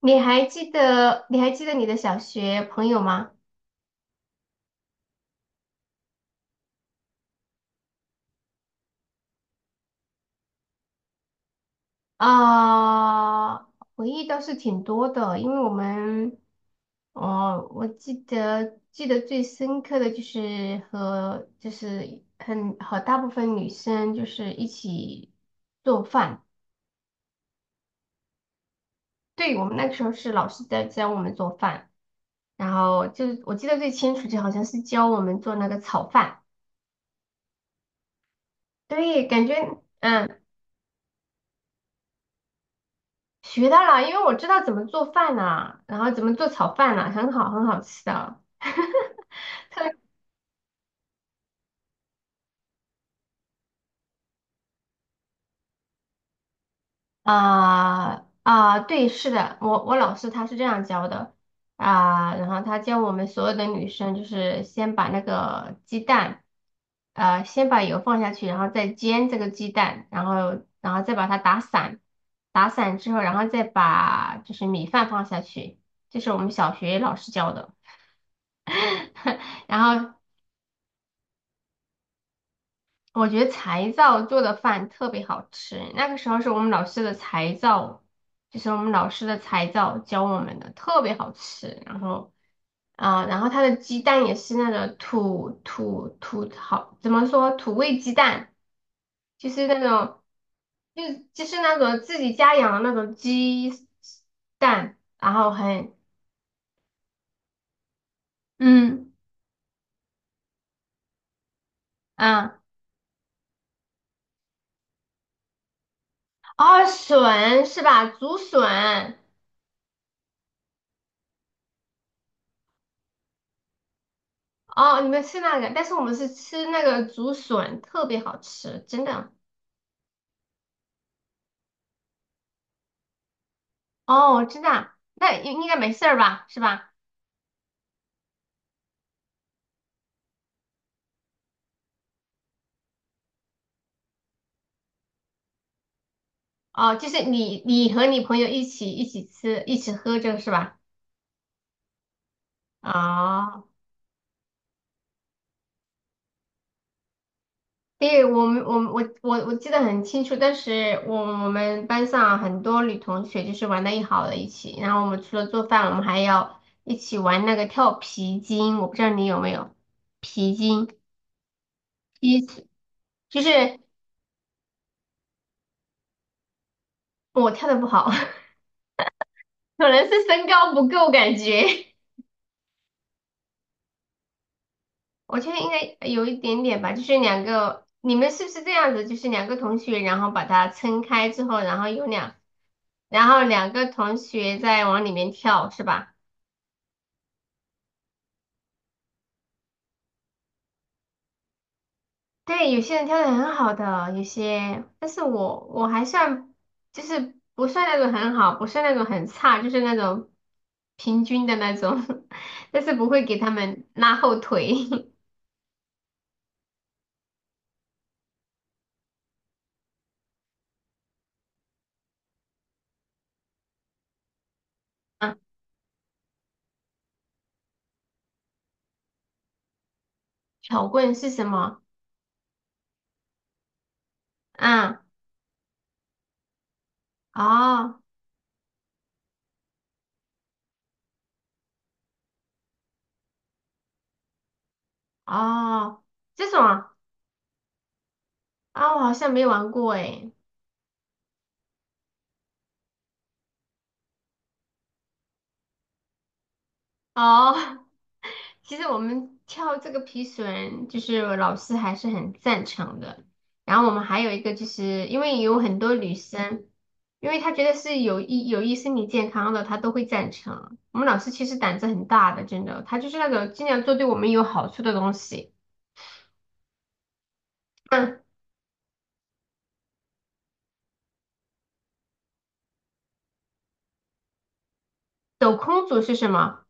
你还记得你的小学朋友吗？啊、回忆倒是挺多的，因为我们，哦，我记得最深刻的就是和就是很和大部分女生就是一起做饭，对，我们那个时候是老师在教我们做饭，然后就是我记得最清楚就好像是教我们做那个炒饭，对，感觉。学到了，因为我知道怎么做饭呐、然后怎么做炒饭呐、很好，很好吃的。对，是的，我老师他是这样教的啊，然后他教我们所有的女生就是先把那个鸡蛋，先把油放下去，然后再煎这个鸡蛋，然后再把它打散，打散之后，然后再把就是米饭放下去，这是我们小学老师教的。然后我觉得柴灶做的饭特别好吃，那个时候是我们老师的柴灶，就是我们老师的柴灶教我们的，特别好吃。然后，然后它的鸡蛋也是那种土，好，怎么说土味鸡蛋，就是那种，就就是那种自己家养的那种鸡蛋，然后很，嗯啊，哦，笋是吧？竹笋。哦，你们吃那个，但是我们是吃那个竹笋，特别好吃，真的。哦，真的啊，那应该没事儿吧，是吧？哦，就是你和你朋友一起吃，一起喝这个是吧？哦，对，我们我们我我我记得很清楚，当时我们班上很多女同学就是玩的一好的一起，然后我们除了做饭，我们还要一起玩那个跳皮筋，我不知道你有没有皮筋，第一次就是我跳的不好。可能是身高不够，感觉 我觉得应该有一点点吧。就是两个，你们是不是这样子？就是两个同学，然后把它撑开之后，然后有两，然后两个同学再往里面跳，是吧？对，有些人跳的很好的，有些，但是我还算，就是不算那种很好，不算那种很差，就是那种平均的那种，但是不会给他们拉后腿。啊，巧棍是什么？嗯，哦。哦，这种啊，我好像没玩过诶。哦，其实我们跳这个皮绳，就是我老师还是很赞成的。然后我们还有一个，就是因为有很多女生，因为她觉得是有益身体健康的，她都会赞成啊。我们老师其实胆子很大的，真的，他就是那种尽量做对我们有好处的东西。嗯，抖空竹是什么？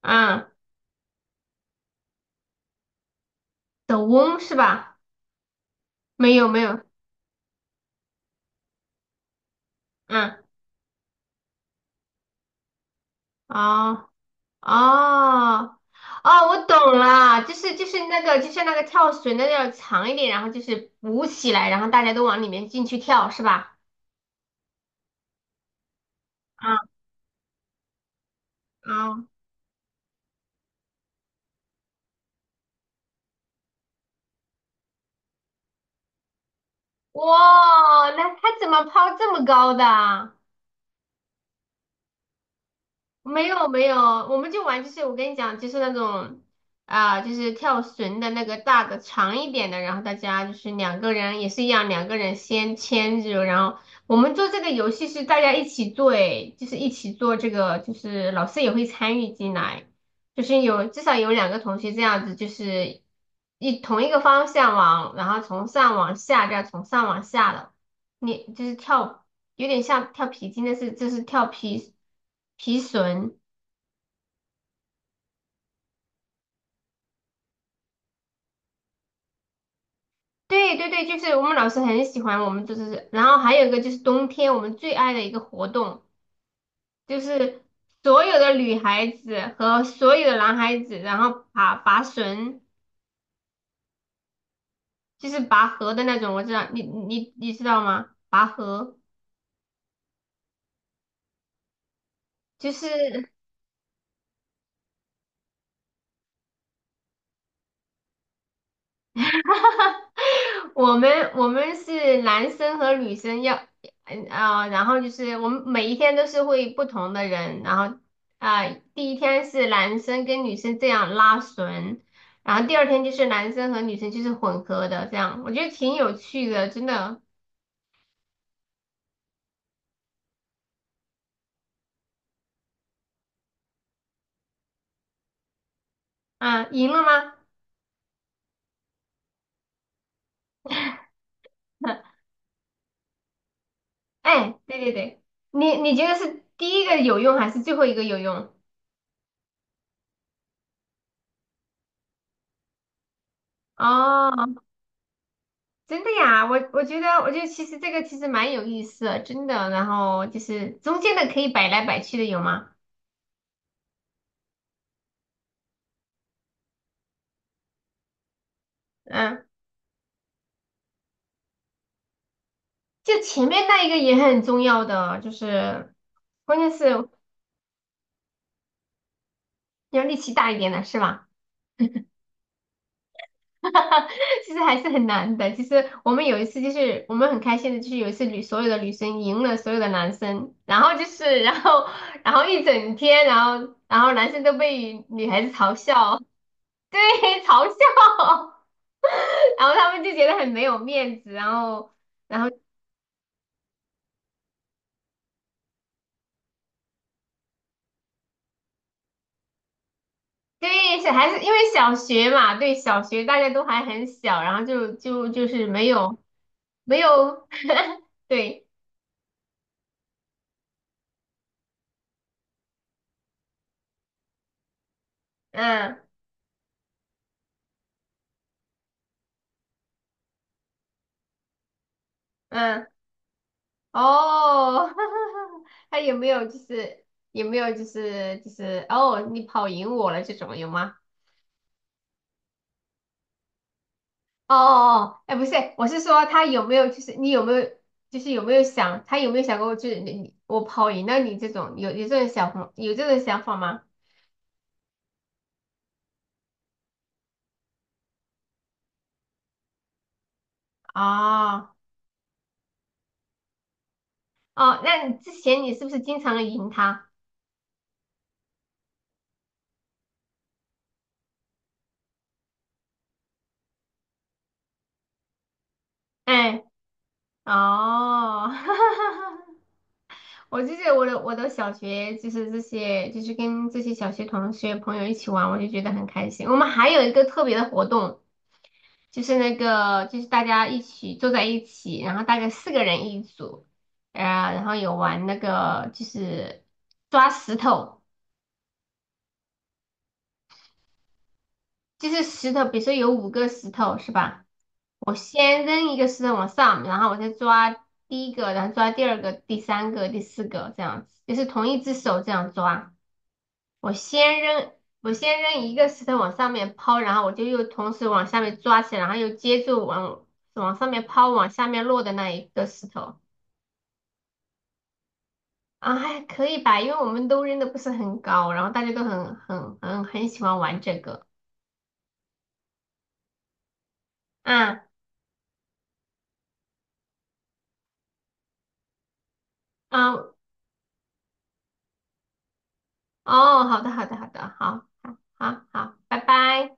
嗯，抖翁是吧？没有没有，嗯，哦。哦，哦，我懂了，就是那个，就像那个跳水那要长一点，然后就是鼓起来，然后大家都往里面进去跳，是吧？啊啊，哇，那他怎么抛这么高的啊？没有没有，我们就玩，就是我跟你讲，就是那种就是跳绳的那个大的长一点的，然后大家就是两个人也是一样，两个人先牵着，然后我们做这个游戏是大家一起做，诶，就是一起做这个，就是老师也会参与进来，就是有至少有两个同学这样子，就是一同一个方向往，然后从上往下这样从上往下的，你就是跳。有点像跳皮筋，但是就是跳皮绳。对对对，就是我们老师很喜欢我们，就是然后还有一个就是冬天我们最爱的一个活动，就是所有的女孩子和所有的男孩子，然后拔绳，就是拔河的那种，我知道你知道吗？拔河就是。我们是男生和女生要，然后就是我们每一天都是会不同的人，然后啊、第一天是男生跟女生这样拉绳，然后第二天就是男生和女生就是混合的这样，我觉得挺有趣的，真的。啊，赢了吗？哎，对对对，你觉得是第一个有用还是最后一个有用？哦。真的呀，我觉得其实这个其实蛮有意思的，真的。然后就是中间的可以摆来摆去的有吗？嗯，就前面那一个也很重要的，就是关键是要力气大一点的，是吧？其实还是很难的。其实我们有一次就是我们很开心的，就是有一次所有的女生赢了所有的男生，然后就是然后一整天，然后男生都被女孩子嘲笑，对，嘲笑。然后他们就觉得很没有面子，然后对小孩子，因为小学嘛，对小学大家都还很小，然后就是没有没有，对，嗯嗯，哦，他有没有哦，你跑赢我了这种有吗？哦哦哦，哎，不是，我是说他有没有就是你有没有就是有没有想他有没有想过就是你我跑赢了你这种有这种想法有这种想法吗？哦哦，那你之前你是不是经常赢他？哎，哦，我就是我的小学就是这些，就是跟这些小学同学朋友一起玩，我就觉得很开心。我们还有一个特别的活动，就是那个就是大家一起坐在一起，然后大概四个人一组，然后有玩那个就是抓石头，就是石头，比如说有五个石头是吧？我先扔一个石头往上，然后我再抓第一个，然后抓第二个、第三个、第四个，这样子，就是同一只手这样抓。我先扔，我先扔一个石头往上面抛，然后我就又同时往下面抓起来，然后又接住往上面抛，往下面落的那一个石头。啊，还可以吧，因为我们都扔的不是很高，然后大家都很喜欢玩这个。啊啊哦，好的好的好的，好好好，拜拜。